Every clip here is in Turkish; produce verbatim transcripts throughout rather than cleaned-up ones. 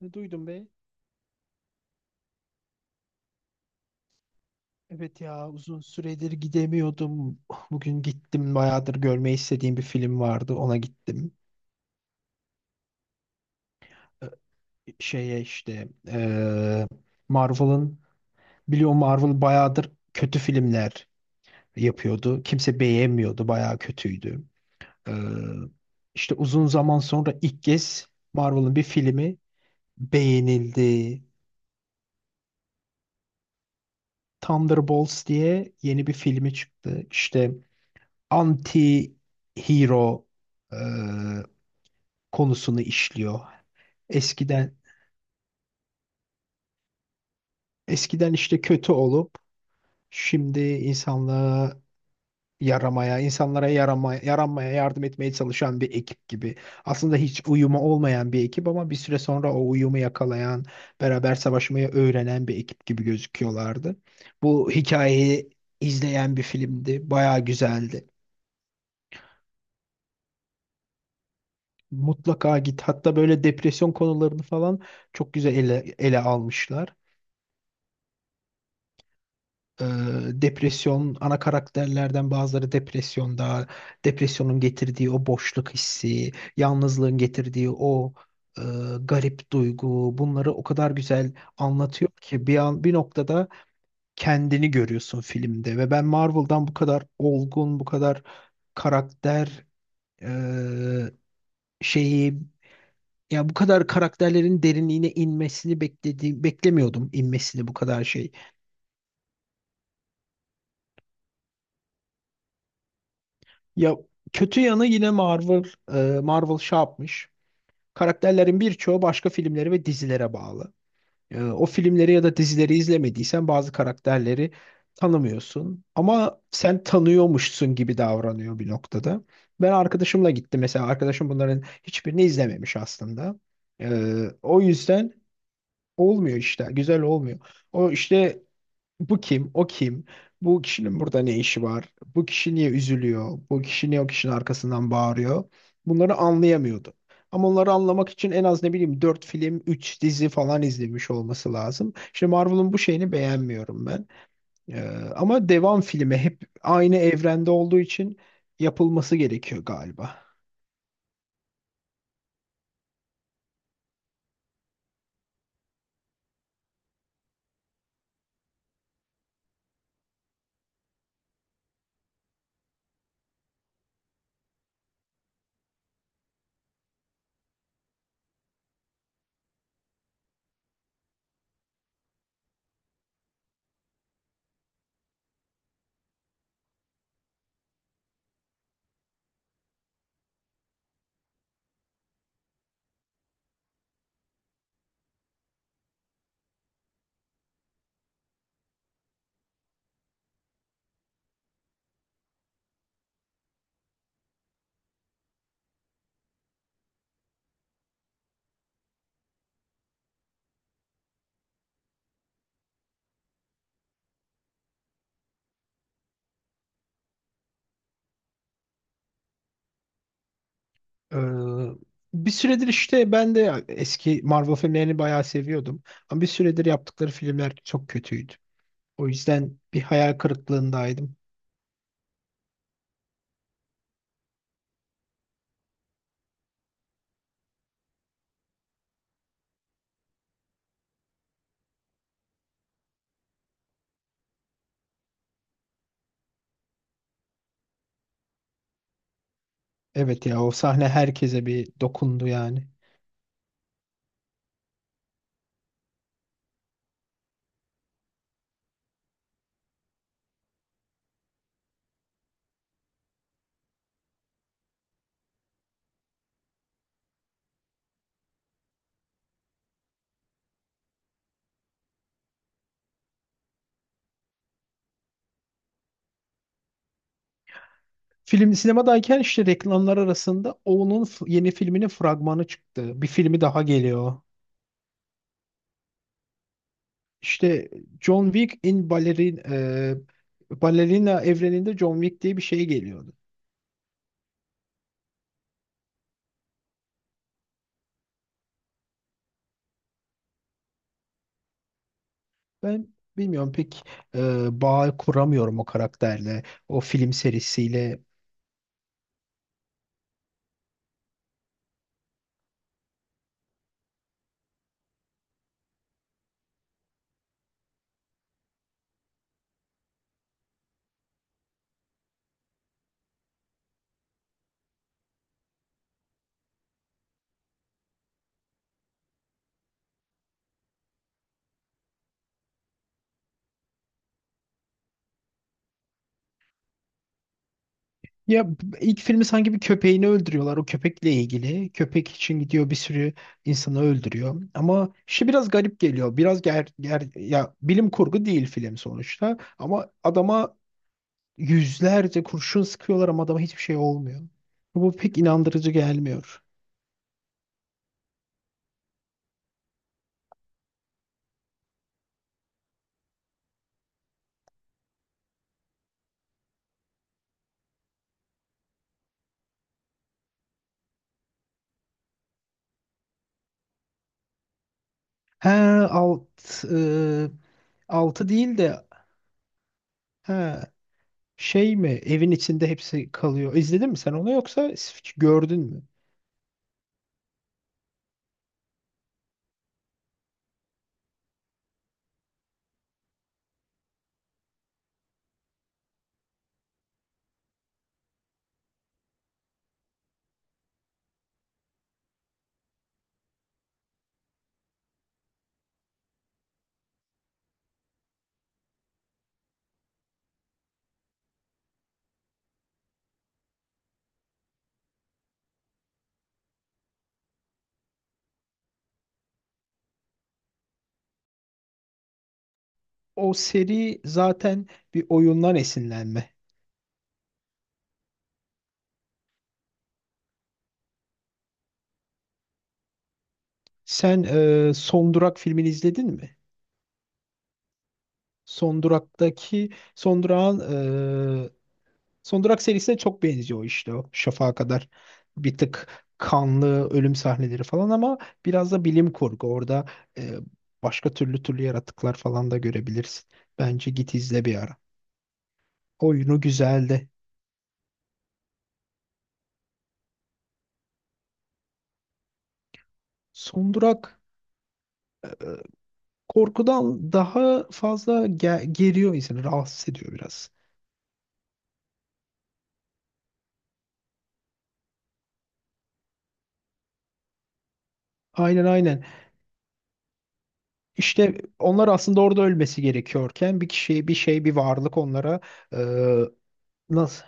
Ne duydum be? Evet ya, uzun süredir gidemiyordum. Bugün gittim, bayağıdır görmeyi istediğim bir film vardı, ona gittim. Ee, Şeye işte, ee, Marvel'ın, biliyor musun, Marvel bayağıdır kötü filmler yapıyordu. Kimse beğenmiyordu, bayağı kötüydü. Ee, işte uzun zaman sonra ilk kez Marvel'ın bir filmi beğenildi. Thunderbolts diye yeni bir filmi çıktı. İşte anti hero konusunu işliyor. Eskiden eskiden işte kötü olup şimdi insanlığa yaramaya, insanlara yarama, yaranmaya yardım etmeye çalışan bir ekip gibi. Aslında hiç uyumu olmayan bir ekip ama bir süre sonra o uyumu yakalayan, beraber savaşmayı öğrenen bir ekip gibi gözüküyorlardı. Bu hikayeyi izleyen bir filmdi. Bayağı güzeldi. Mutlaka git. Hatta böyle depresyon konularını falan çok güzel ele, ele almışlar. Ee, Depresyon, ana karakterlerden bazıları depresyonda, depresyonun getirdiği o boşluk hissi, yalnızlığın getirdiği o e, garip duygu, bunları o kadar güzel anlatıyor ki bir an bir noktada kendini görüyorsun filmde. Ve ben Marvel'dan bu kadar olgun, bu kadar karakter, e, şeyi, ya bu kadar karakterlerin derinliğine inmesini beklediğim beklemiyordum, inmesini bu kadar şey. Ya kötü yanı yine Marvel, e, Marvel şey yapmış. Karakterlerin birçoğu başka filmleri ve dizilere bağlı. E, O filmleri ya da dizileri izlemediysen bazı karakterleri tanımıyorsun. Ama sen tanıyormuşsun gibi davranıyor bir noktada. Ben arkadaşımla gittim mesela. Arkadaşım bunların hiçbirini izlememiş aslında. E, O yüzden olmuyor işte. Güzel olmuyor. O işte, bu kim? O kim? Bu kişinin burada ne işi var? Bu kişi niye üzülüyor? Bu kişi niye o kişinin arkasından bağırıyor? Bunları anlayamıyordu. Ama onları anlamak için en az, ne bileyim, dört film, üç dizi falan izlemiş olması lazım. Şimdi Marvel'ın bu şeyini beğenmiyorum ben. Ee, Ama devam filmi hep aynı evrende olduğu için yapılması gerekiyor galiba. Ee, Bir süredir işte ben de eski Marvel filmlerini bayağı seviyordum. Ama bir süredir yaptıkları filmler çok kötüydü. O yüzden bir hayal kırıklığındaydım. Evet ya, o sahne herkese bir dokundu yani. Film sinemadayken işte reklamlar arasında onun f- yeni filminin fragmanı çıktı. Bir filmi daha geliyor. İşte John Wick in Ballerin, e, Ballerina evreninde John Wick diye bir şey geliyordu. Ben bilmiyorum pek, e, bağ kuramıyorum o karakterle, o film serisiyle. Ya b- ilk filmi sanki bir köpeğini öldürüyorlar. O köpekle ilgili. Köpek için gidiyor, bir sürü insanı öldürüyor. Ama işte biraz garip geliyor. Biraz ger, ger ya, bilim kurgu değil film sonuçta. Ama adama yüzlerce kurşun sıkıyorlar ama adama hiçbir şey olmuyor. Bu pek inandırıcı gelmiyor. He, alt e, altı değil de, he, şey mi, evin içinde hepsi kalıyor. İzledin mi sen onu yoksa s- gördün mü? O seri zaten bir oyundan esinlenme. Sen, e, Son Durak filmini izledin mi? Son Durak'taki Son Durak'ın e, Son Durak serisine çok benziyor işte, o Şafak'a kadar. Bir tık kanlı ölüm sahneleri falan, ama biraz da bilim kurgu. Orada, e, başka türlü türlü yaratıklar falan da görebilirsin. Bence git izle bir ara. Oyunu güzeldi. Son Durak korkudan daha fazla ge- geriyor insanı, rahatsız ediyor biraz. Aynen aynen. İşte onlar aslında orada ölmesi gerekiyorken bir kişi, bir şey, bir varlık onlara, e, nasıl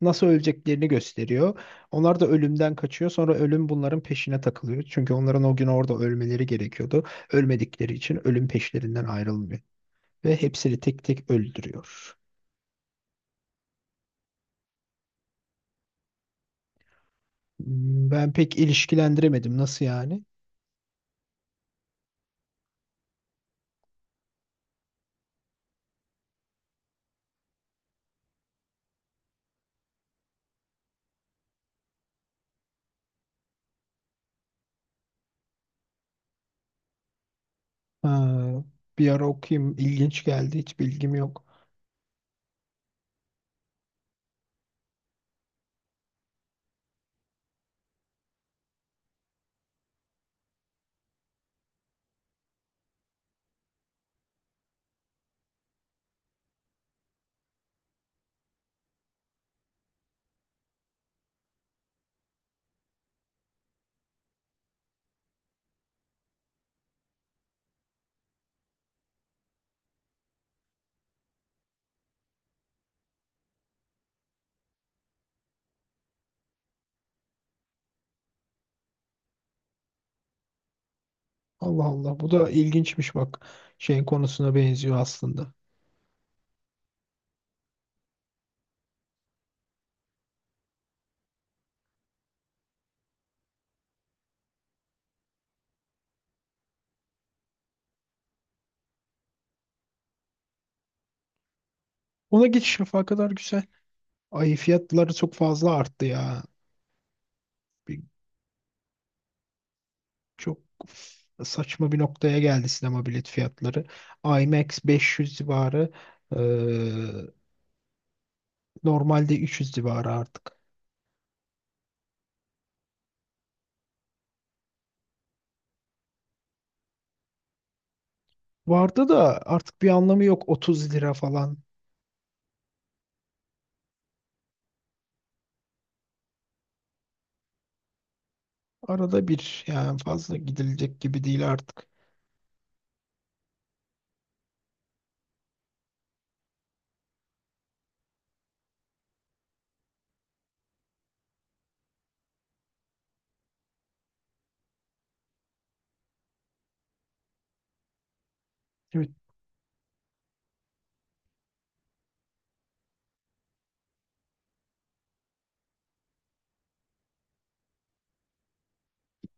nasıl öleceklerini gösteriyor. Onlar da ölümden kaçıyor. Sonra ölüm bunların peşine takılıyor. Çünkü onların o gün orada ölmeleri gerekiyordu. Ölmedikleri için ölüm peşlerinden ayrılmıyor ve hepsini tek tek öldürüyor. Hmm. Ben pek ilişkilendiremedim. Nasıl yani? Ha, bir ara okuyayım. İlginç geldi. Hiç bilgim yok. Allah Allah. Bu da ilginçmiş bak. Şeyin konusuna benziyor aslında. Ona geçiş yapağı kadar güzel. Ay, fiyatları çok fazla arttı ya. Bir- çok f- Saçma bir noktaya geldi sinema bilet fiyatları. IMAX beş yüz civarı, eee, normalde üç yüz civarı artık. Vardı da artık bir anlamı yok, otuz lira falan. Arada bir, yani fazla gidilecek gibi değil artık. Evet,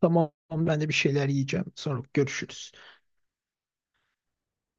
tamam, ben de bir şeyler yiyeceğim. Sonra görüşürüz.